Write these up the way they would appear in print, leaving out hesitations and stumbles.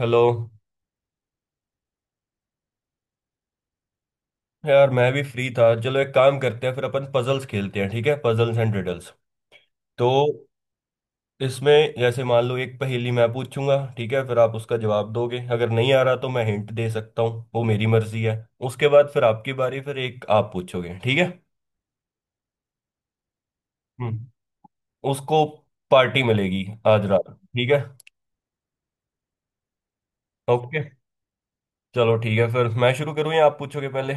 Hello. यार मैं भी फ्री था, चलो एक काम करते हैं, फिर अपन पजल्स खेलते हैं। ठीक है? Puzzles and riddles. तो इसमें जैसे मान लो, एक पहेली मैं पूछूंगा, ठीक है? फिर आप उसका जवाब दोगे। अगर नहीं आ रहा तो मैं हिंट दे सकता हूँ, वो मेरी मर्जी है। उसके बाद फिर आपकी बारी, फिर एक आप पूछोगे, ठीक है? हम्म। उसको पार्टी मिलेगी, आज रात। ठीक है? ओके। चलो ठीक है, फिर मैं शुरू करूँ या आप पूछोगे पहले?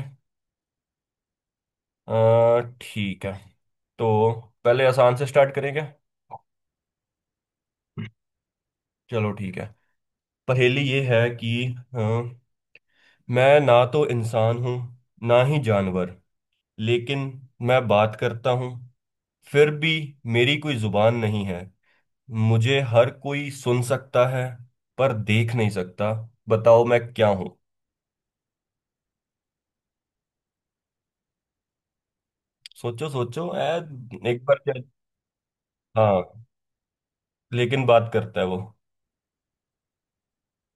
ठीक है। तो पहले आसान से स्टार्ट करेंगे। चलो ठीक है। पहेली ये है कि, हाँ, मैं ना तो इंसान हूँ, ना ही जानवर, लेकिन मैं बात करता हूँ। फिर भी मेरी कोई जुबान नहीं है, मुझे हर कोई सुन सकता है पर देख नहीं सकता। बताओ मैं क्या हूँ? सोचो सोचो, ऐ! एक बार क्या? हाँ, लेकिन बात करता है वो।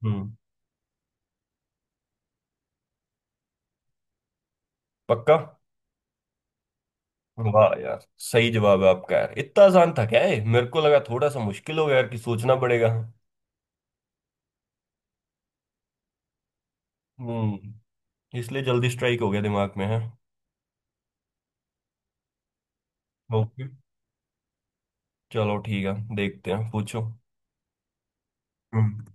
हम्म। पक्का? वाह यार, सही जवाब है आपका। यार इतना आसान था क्या ये? मेरे को लगा थोड़ा सा मुश्किल होगा यार, कि सोचना पड़ेगा। हम्म। इसलिए जल्दी स्ट्राइक हो गया, दिमाग में है। ओके, चलो ठीक है, देखते हैं, पूछो। हम्म।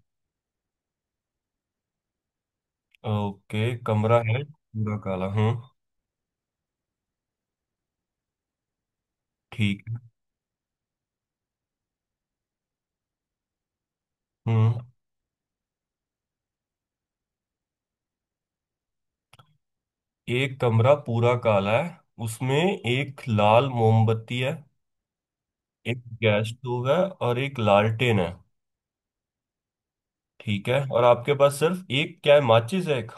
ओके, कमरा है पूरा काला। हम्म। ठीक है। हम्म। एक कमरा पूरा काला है, उसमें एक लाल मोमबत्ती है, एक गैस स्टोव है, और एक लालटेन है। ठीक है, और आपके पास सिर्फ एक क्या है? माचिस है एक।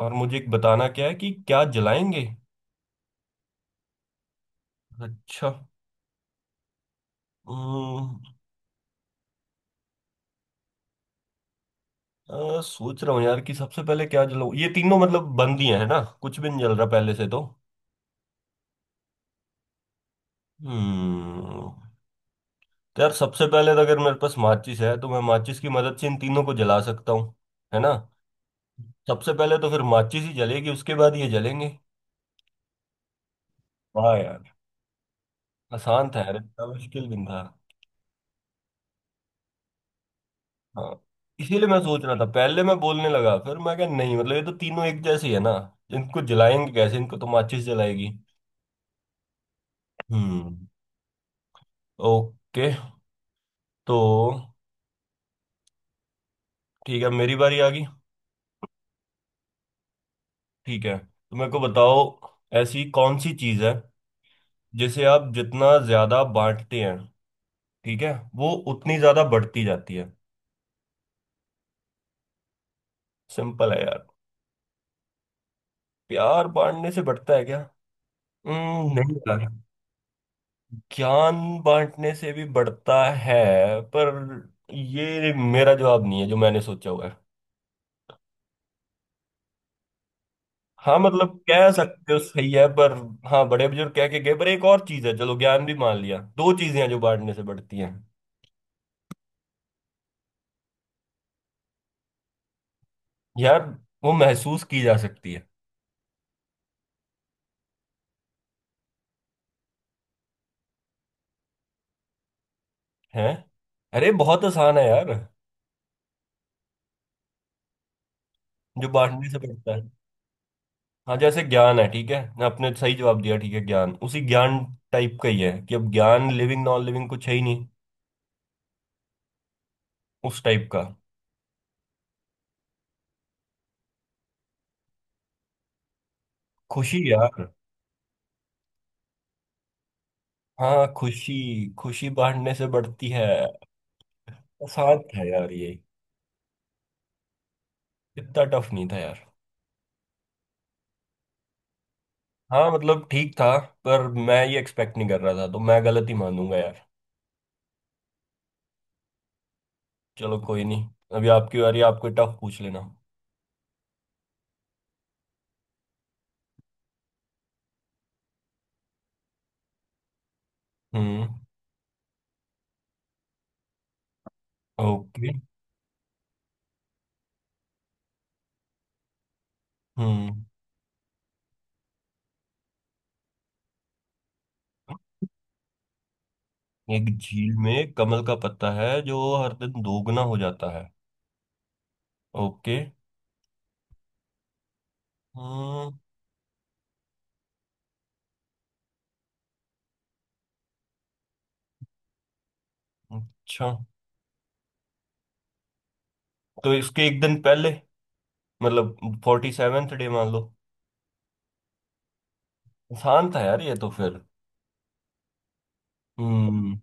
और मुझे एक बताना क्या है कि क्या जलाएंगे? अच्छा। हम्म, सोच रहा हूँ यार, कि सबसे पहले क्या जलाऊं। ये तीनों मतलब बंद ही है ना, कुछ भी नहीं जल रहा पहले से तो। हम्म। तो यार सबसे पहले तो अगर मेरे पास माचिस है, तो मैं माचिस की मदद से इन तीनों को जला सकता हूँ, है ना? सबसे पहले तो फिर माचिस ही जलेगी, उसके बाद ये जलेंगे। वाह यार, आसान था यार, इतना मुश्किल भी नहीं था। हाँ, इसीलिए मैं सोच रहा था, पहले मैं बोलने लगा, फिर मैं कहा नहीं, मतलब ये तो तीनों एक जैसे ही है ना। इनको जलाएंगे कैसे? इनको तो माचिस जलाएगी। हम्म। ओके। तो ठीक है, मेरी बारी आ गई। ठीक है, तो मेरे को बताओ, ऐसी कौन सी चीज है जिसे आप जितना ज्यादा बांटते हैं, ठीक है, वो उतनी ज्यादा बढ़ती जाती है? सिंपल है यार। प्यार बांटने से बढ़ता है क्या? नहीं यार। ज्ञान बांटने से भी बढ़ता है, पर ये मेरा जवाब नहीं है जो मैंने सोचा हुआ है। हाँ मतलब कह सकते हो, सही है, पर। हाँ, बड़े बुजुर्ग कह के गए, पर एक और चीज है। चलो ज्ञान भी मान लिया, दो चीजें हैं जो बांटने से बढ़ती हैं। यार वो महसूस की जा सकती है। हैं? अरे, बहुत आसान है यार। जो बांटने से बढ़ता है। हाँ जैसे ज्ञान है, ठीक है ना, आपने सही जवाब दिया, ठीक है, ज्ञान उसी ज्ञान टाइप का ही है, कि अब ज्ञान लिविंग नॉन लिविंग कुछ है ही नहीं। उस टाइप का। खुशी यार। हाँ, खुशी। खुशी बांटने से बढ़ती है। आसान था यार ये। इतना टफ नहीं था यार। हाँ, मतलब ठीक था। पर मैं ये एक्सपेक्ट नहीं कर रहा था, तो मैं गलत ही मानूंगा यार। चलो, कोई नहीं। अभी आपकी बारी, आपको टफ पूछ लेना। हम्म। ओके। हम्म। एक झील में कमल का पत्ता है जो हर दिन दोगुना हो जाता है। ओके। हम्म। अच्छा, तो इसके एक दिन पहले, मतलब 47th डे मान लो। आसान था यार ये तो फिर। हम्म।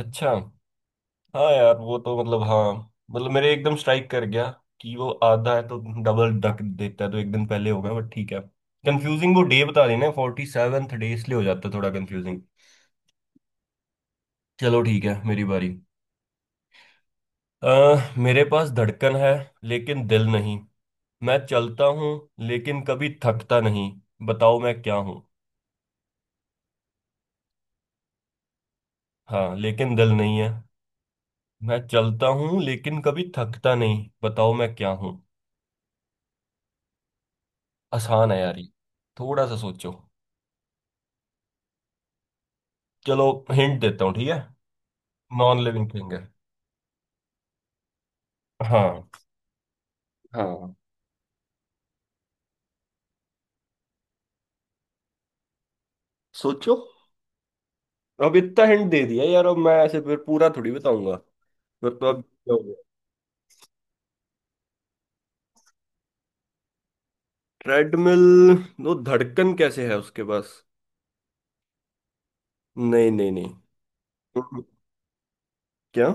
अच्छा, हाँ यार वो तो मतलब, हाँ। मतलब मेरे एकदम स्ट्राइक कर गया कि वो आधा है तो डबल रख देता है, तो एक दिन पहले होगा, बट ठीक है। कंफ्यूजिंग, वो डे बता देना 47th डे, इसलिए हो जाता है थोड़ा कंफ्यूजिंग। चलो ठीक है, मेरी बारी। मेरे पास धड़कन है, लेकिन दिल नहीं। मैं चलता हूँ, लेकिन कभी थकता नहीं। बताओ मैं क्या हूँ? हाँ, लेकिन दिल नहीं है। मैं चलता हूँ, लेकिन कभी थकता नहीं। बताओ मैं क्या हूँ? आसान है यार ये। थोड़ा सा सोचो। चलो, हिंट देता हूँ, ठीक है। नॉन लिविंग थिंग है। हाँ, हाँ। सोचो। अब इतना हिंट दे दिया यार, अब मैं ऐसे फिर पूरा थोड़ी बताऊंगा। फिर तो अब क्या हो गया। ट्रेडमिल? वो धड़कन कैसे है उसके पास? नहीं, नहीं, नहीं। हम्म। क्या?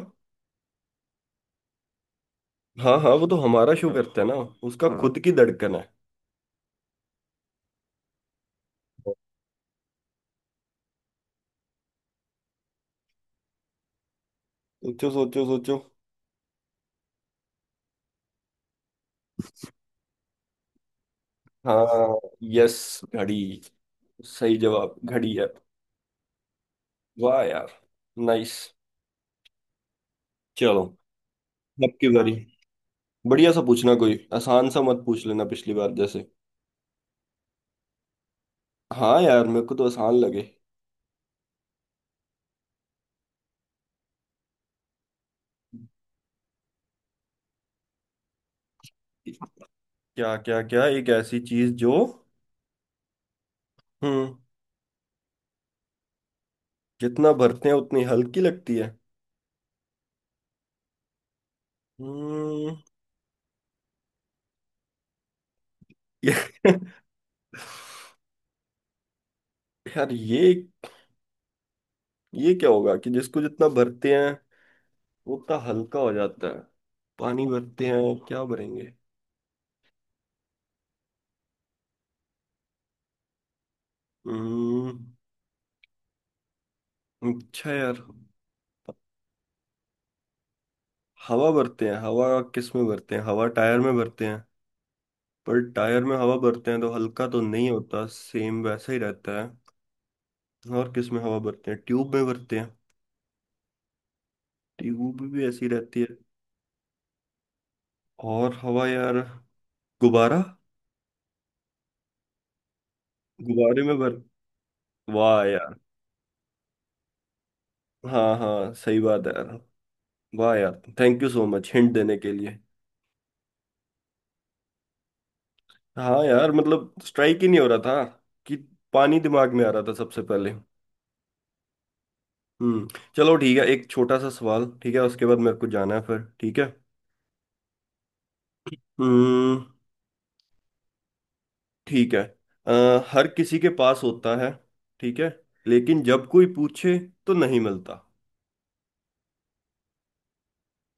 हाँ हाँ, वो तो हमारा शो करता है ना उसका। हाँ, खुद की धड़कन है। सोचो, सोचो, सोचो। हाँ, यस, घड़ी। सही जवाब घड़ी है। वाह यार। नाइस। चलो, आपकी बारी। बढ़िया सा पूछना, कोई आसान सा मत पूछ लेना पिछली बार जैसे। हाँ यार, मेरे को तो आसान लगे। क्या, क्या, क्या? एक ऐसी चीज जो। हम्म। जितना भरते हैं उतनी हल्की लगती है। हम्म। ये- यार, ये क्या होगा कि जिसको जितना भरते हैं वो उतना हल्का हो जाता है? पानी भरते हैं? क्या भरेंगे? हम्म। अच्छा यार। हवा भरते हैं। हवा किस में भरते हैं? हवा टायर में भरते हैं। पर टायर में हवा भरते हैं तो हल्का तो नहीं होता, सेम वैसा ही रहता है। और किस में हवा भरते हैं? ट्यूब में भरते हैं। ट्यूब भी ऐसी रहती है। और हवा, यार, गुब्बारा। गुब्बारे में भर। वाह यार। हाँ हाँ, सही बात है यार। वाह यार, thank you so much hint देने के लिए। हाँ यार, मतलब स्ट्राइक ही नहीं हो रहा था, कि पानी दिमाग में आ रहा था सबसे पहले। हम्म। चलो ठीक है, एक छोटा सा सवाल, ठीक है? उसके बाद मेरे को जाना है फिर, ठीक है? हम्म। ठीक है। हर किसी के पास होता है, ठीक है, लेकिन जब कोई पूछे, तो नहीं मिलता।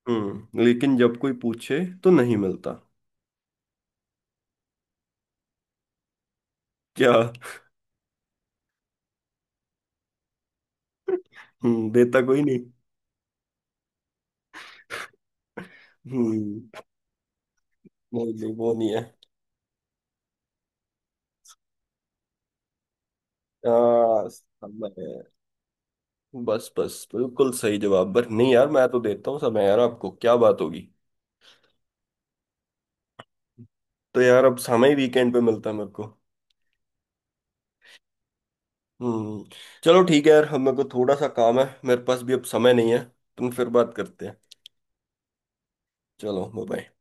हम्म, लेकिन जब कोई पूछे तो नहीं मिलता। क्या? हम्म, देता कोई नहीं। हम्म। नहीं नहीं, वो नहीं है। आ, बस बस, बिल्कुल सही जवाब। पर नहीं यार, मैं तो देता हूँ समय यार, आपको क्या बात होगी? तो यार अब समय वीकेंड पे मिलता है मेरे को। हम्म। चलो ठीक है यार, अब मेरे को थोड़ा सा काम है, मेरे पास भी अब समय नहीं है। तुम, फिर बात करते हैं। चलो, बाय।